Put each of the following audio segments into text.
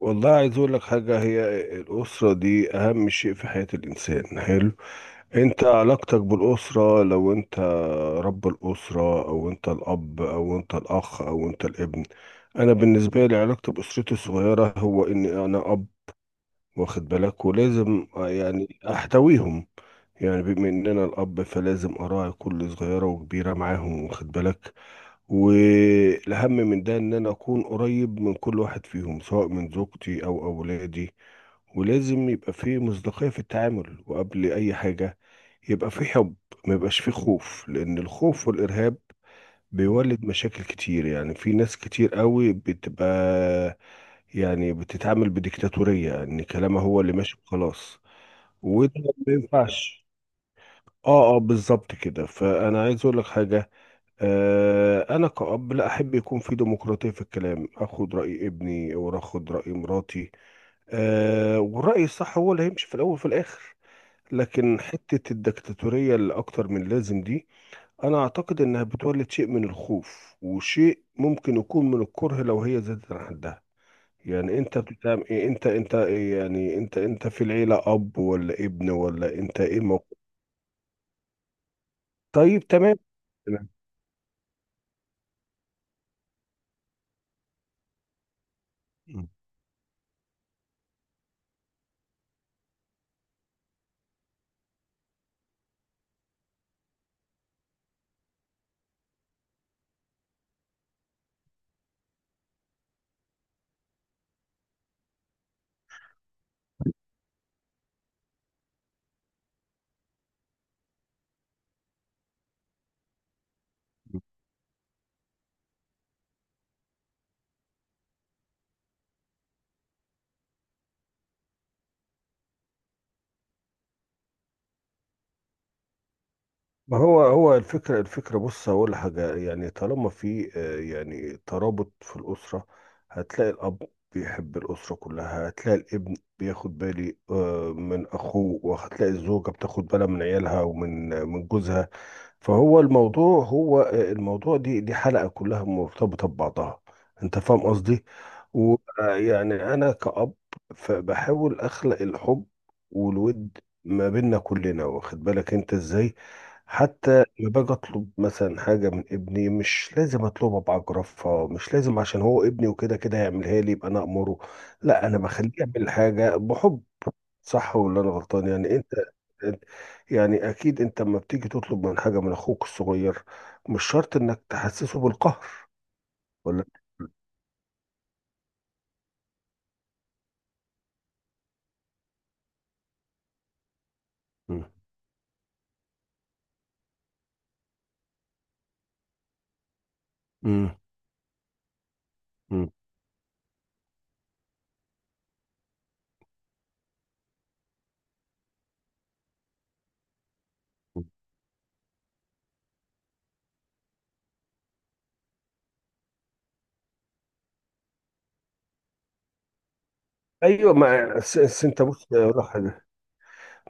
والله، عايز اقول لك حاجه. هي الاسره دي اهم شيء في حياه الانسان. حلو، انت علاقتك بالاسره، لو انت رب الاسره او انت الاب او انت الاخ او انت الابن. انا بالنسبه لي علاقتي باسرتي الصغيره هو اني انا اب، واخد بالك؟ ولازم يعني احتويهم. يعني بما ان انا الاب فلازم اراعي كل صغيره وكبيره معاهم، واخد بالك؟ والأهم من ده إن أنا أكون قريب من كل واحد فيهم، سواء من زوجتي أو أولادي. ولازم يبقى فيه مصداقية في التعامل، وقبل أي حاجة يبقى فيه حب. ما يبقاش فيه خوف، لأن الخوف والإرهاب بيولد مشاكل كتير. يعني في ناس كتير قوي بتبقى، يعني بتتعامل بديكتاتورية، إن كلامها هو اللي ماشي وخلاص. وده ما ينفعش. اه اه، بالظبط كده، فأنا عايز أقول لك حاجة. أنا كأب لا أحب. يكون في ديمقراطية في الكلام، أخد رأي ابني وأخد رأي مراتي. أه، والرأي الصح هو اللي هيمشي في الأول وفي الآخر. لكن حتة الدكتاتورية اللي أكتر من لازم دي، أنا أعتقد إنها بتولد شيء من الخوف وشيء ممكن يكون من الكره لو هي زادت عن حدها. يعني أنت بتعمل إيه؟ أنت أنت إيه؟ يعني أنت في العيلة أب ولا ابن ولا أنت إيه موقف؟ طيب، تمام. تمام. ما هو هو الفكرة بص هقول حاجة. يعني طالما في يعني ترابط في الأسرة، هتلاقي الأب بيحب الأسرة كلها، هتلاقي الابن بياخد بالي من أخوه، وهتلاقي الزوجة بتاخد بالها من عيالها ومن جوزها. فهو الموضوع هو الموضوع، دي حلقة كلها مرتبطة ببعضها. انت فاهم قصدي؟ ويعني انا كأب، فبحاول اخلق الحب والود ما بيننا كلنا، واخد بالك انت ازاي؟ حتى لما باجي اطلب مثلا حاجة من ابني، مش لازم اطلبها بعجرفة. مش لازم عشان هو ابني وكده كده هيعملها لي يبقى انا امره، لا، انا بخليه يعمل حاجة بحب. صح ولا انا غلطان؟ يعني انت أنت- يعني اكيد انت لما بتيجي تطلب حاجه من اخوك الصغير، مش شرط انك تحسسه بالقهر. ولا. مم. مم. مم. ايوه، ما انت بص، أقول لك حاجه.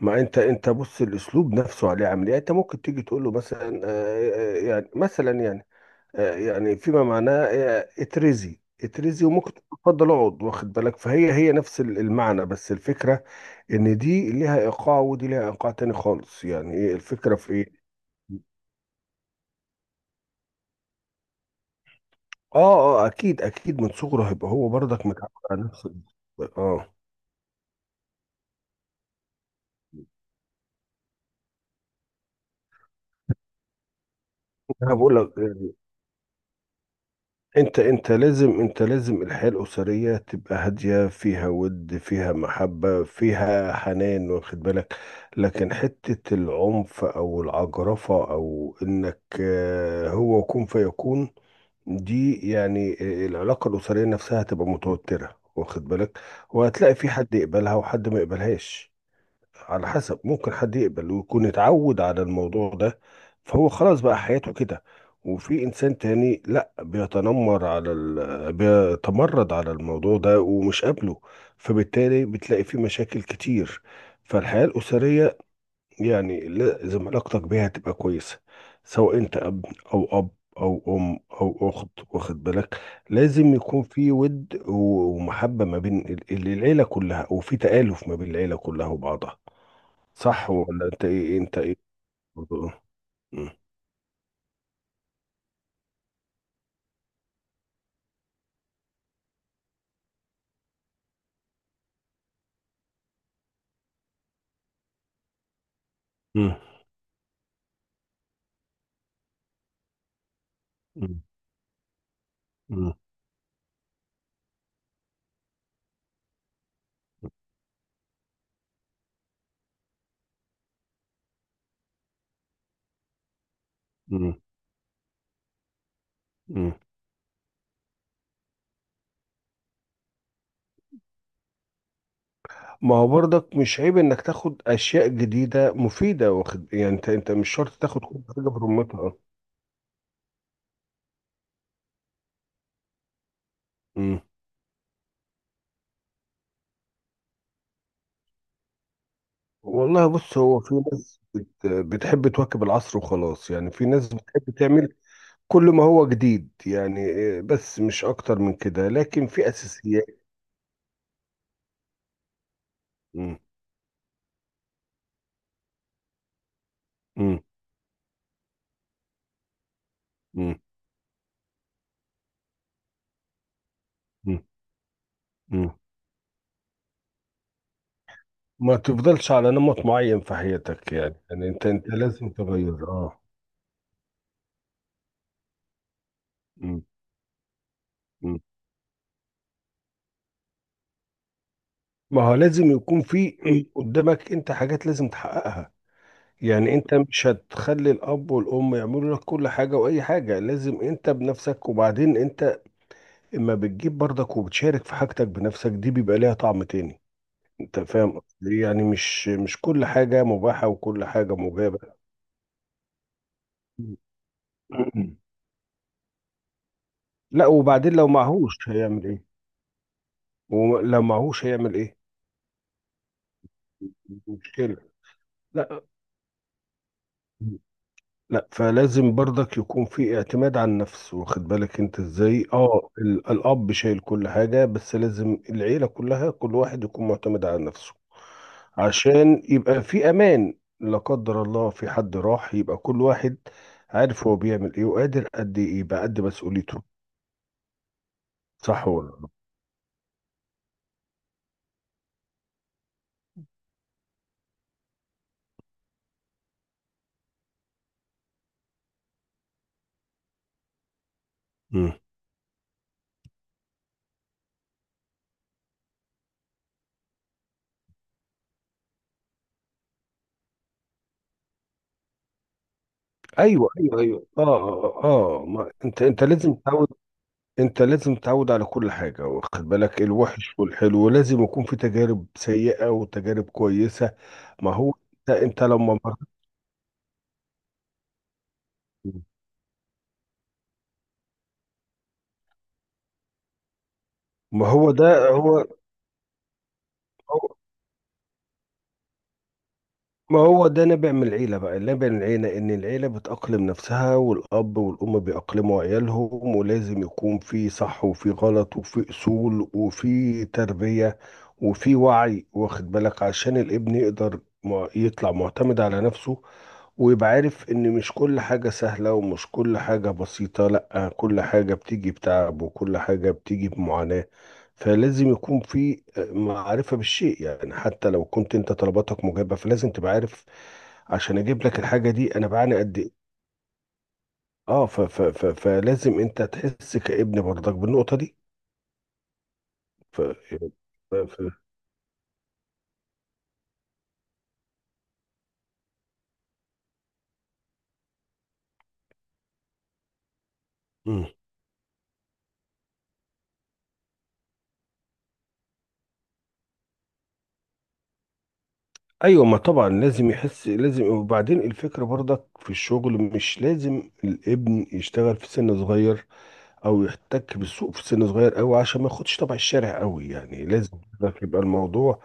ما انت بص، الاسلوب نفسه عليه عامل ايه؟ يعني انت ممكن تيجي تقول له مثلا آه، يعني مثلا يعني يعني فيما معناه اترزي اترزي، وممكن تقول اتفضل اقعد، واخد بالك؟ فهي هي نفس المعنى، بس الفكرة ان دي ليها ايقاع ودي ليها ايقاع تاني خالص. يعني ايه الفكرة في ايه؟ اه اه، اكيد اكيد، من صغره هيبقى هو برضك متعود على نفس اه، انا بقول لك، انت لازم الحياة الأسرية تبقى هادية، فيها ود، فيها محبة، فيها حنان، واخد بالك؟ لكن حتة العنف او العجرفة او انك هو كن فيكون، دي يعني العلاقة الأسرية نفسها هتبقى متوترة، واخد بالك؟ وهتلاقي في حد يقبلها وحد ما يقبلهاش، على حسب. ممكن حد يقبل ويكون اتعود على الموضوع ده، فهو خلاص بقى حياته كده. وفي انسان تاني لا، بيتمرد على الموضوع ده ومش قابله، فبالتالي بتلاقي فيه مشاكل كتير. فالحياة الأسرية يعني لازم علاقتك بيها تبقى كويسة، سواء انت اب او اب او ام او اخت، واخد بالك؟ لازم يكون في ود ومحبة ما بين العيلة كلها، وفي تآلف ما بين العيلة كلها وبعضها. صح ولا انت ايه؟ انت ايه؟ برضو. مم. مم. مم. مم. مم. مم. ما هو برضك مش عيب انك تاخد اشياء جديده مفيده، واخد؟ يعني انت مش شرط تاخد كل حاجه برمتها. مم. والله، بص، هو في ناس بتحب تواكب العصر وخلاص. يعني في ناس بتحب تعمل كل ما هو جديد، يعني بس مش اكتر من كده، لكن في اساسيات. مم. مم. مم. مم. ما تفضلش على نمط معين في حياتك. يعني يعني انت لازم تغير. اه. م- م. ما هو لازم يكون في قدامك انت حاجات لازم تحققها. يعني انت مش هتخلي الاب والام يعملوا لك كل حاجه، واي حاجه لازم انت بنفسك، وبعدين انت اما بتجيب برضك وبتشارك في حاجتك بنفسك دي، بيبقى ليها طعم تاني. انت فاهم قصدي؟ إيه؟ يعني مش كل حاجه مباحه وكل حاجه مجابه. مم. لا، وبعدين لو معهوش هيعمل ايه؟ ولو معهوش هيعمل ايه؟ مشكلة. لا لا، فلازم برضك يكون في اعتماد على النفس، واخد بالك انت ازاي؟ اه، الاب شايل كل حاجة، بس لازم العيلة كلها كل واحد يكون معتمد على نفسه عشان يبقى في امان. لا قدر الله في حد راح، يبقى كل واحد عارف هو بيعمل ايه وقادر قد ايه، يبقى قد مسؤوليته. صح ولا لا؟ مم. ايوه ايوه ايوه، اه اه، آه. آه. ما انت لازم تعود. انت لازم تتعود على كل حاجة، واخد بالك؟ الوحش والحلو لازم يكون في تجارب سيئة وتجارب كويسة. ما هو انت لما مريت. ما هو ده هو. هو. ما هو ده نابع من العيلة بقى، نابع من العيلة إن العيلة بتأقلم نفسها، والأب والأم بيأقلموا عيالهم، ولازم يكون في صح وفي غلط وفي أصول وفي تربية وفي وعي، واخد بالك؟ عشان الابن يقدر يطلع معتمد على نفسه، ويبقى عارف إن مش كل حاجة سهلة ومش كل حاجة بسيطة. لأ، كل حاجة بتيجي بتعب وكل حاجة بتيجي بمعاناة. فلازم يكون في معرفة بالشيء، يعني حتى لو كنت انت طلباتك مجابة فلازم تبقى عارف عشان اجيب لك الحاجة دي انا بعاني قد ايه. اه، ف ف ف فلازم انت تحس كابن برضك بالنقطة دي. ف ف ف مم. ايوه، ما طبعا لازم يحس، لازم. وبعدين الفكرة برضك في الشغل، مش لازم الابن يشتغل في سن صغير او يحتك بالسوق في سن صغير قوي عشان ما ياخدش طبع الشارع قوي. يعني لازم لك يبقى الموضوع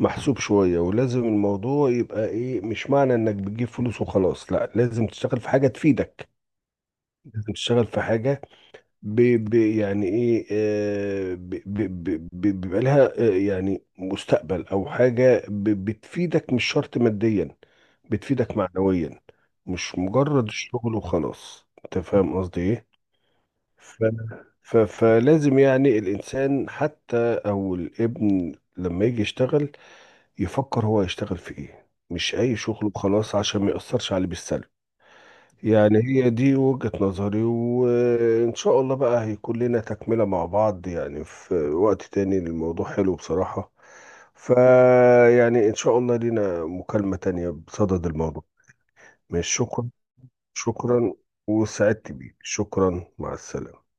محسوب شوية، ولازم الموضوع يبقى ايه، مش معنى انك بتجيب فلوس وخلاص، لا، لازم تشتغل في حاجة تفيدك. لازم تشتغل في حاجة ب ب يعني ايه بيبقى لها يعني مستقبل او حاجة بتفيدك، مش شرط ماديا، بتفيدك معنويا. مش مجرد الشغل وخلاص. انت فاهم قصدي ايه؟ ف... فلازم يعني الإنسان حتى أو الابن لما يجي يشتغل، يفكر هو يشتغل في إيه، مش أي شغل وخلاص عشان ما يأثرش عليه بالسلب. يعني هي دي وجهة نظري، وإن شاء الله بقى هيكون لنا تكملة مع بعض، يعني في وقت تاني. الموضوع حلو بصراحة. فيعني إن شاء الله لنا مكالمة تانية بصدد الموضوع. مش شكرا. شكرا. وسعدت بيك، شكرا، مع السلامة.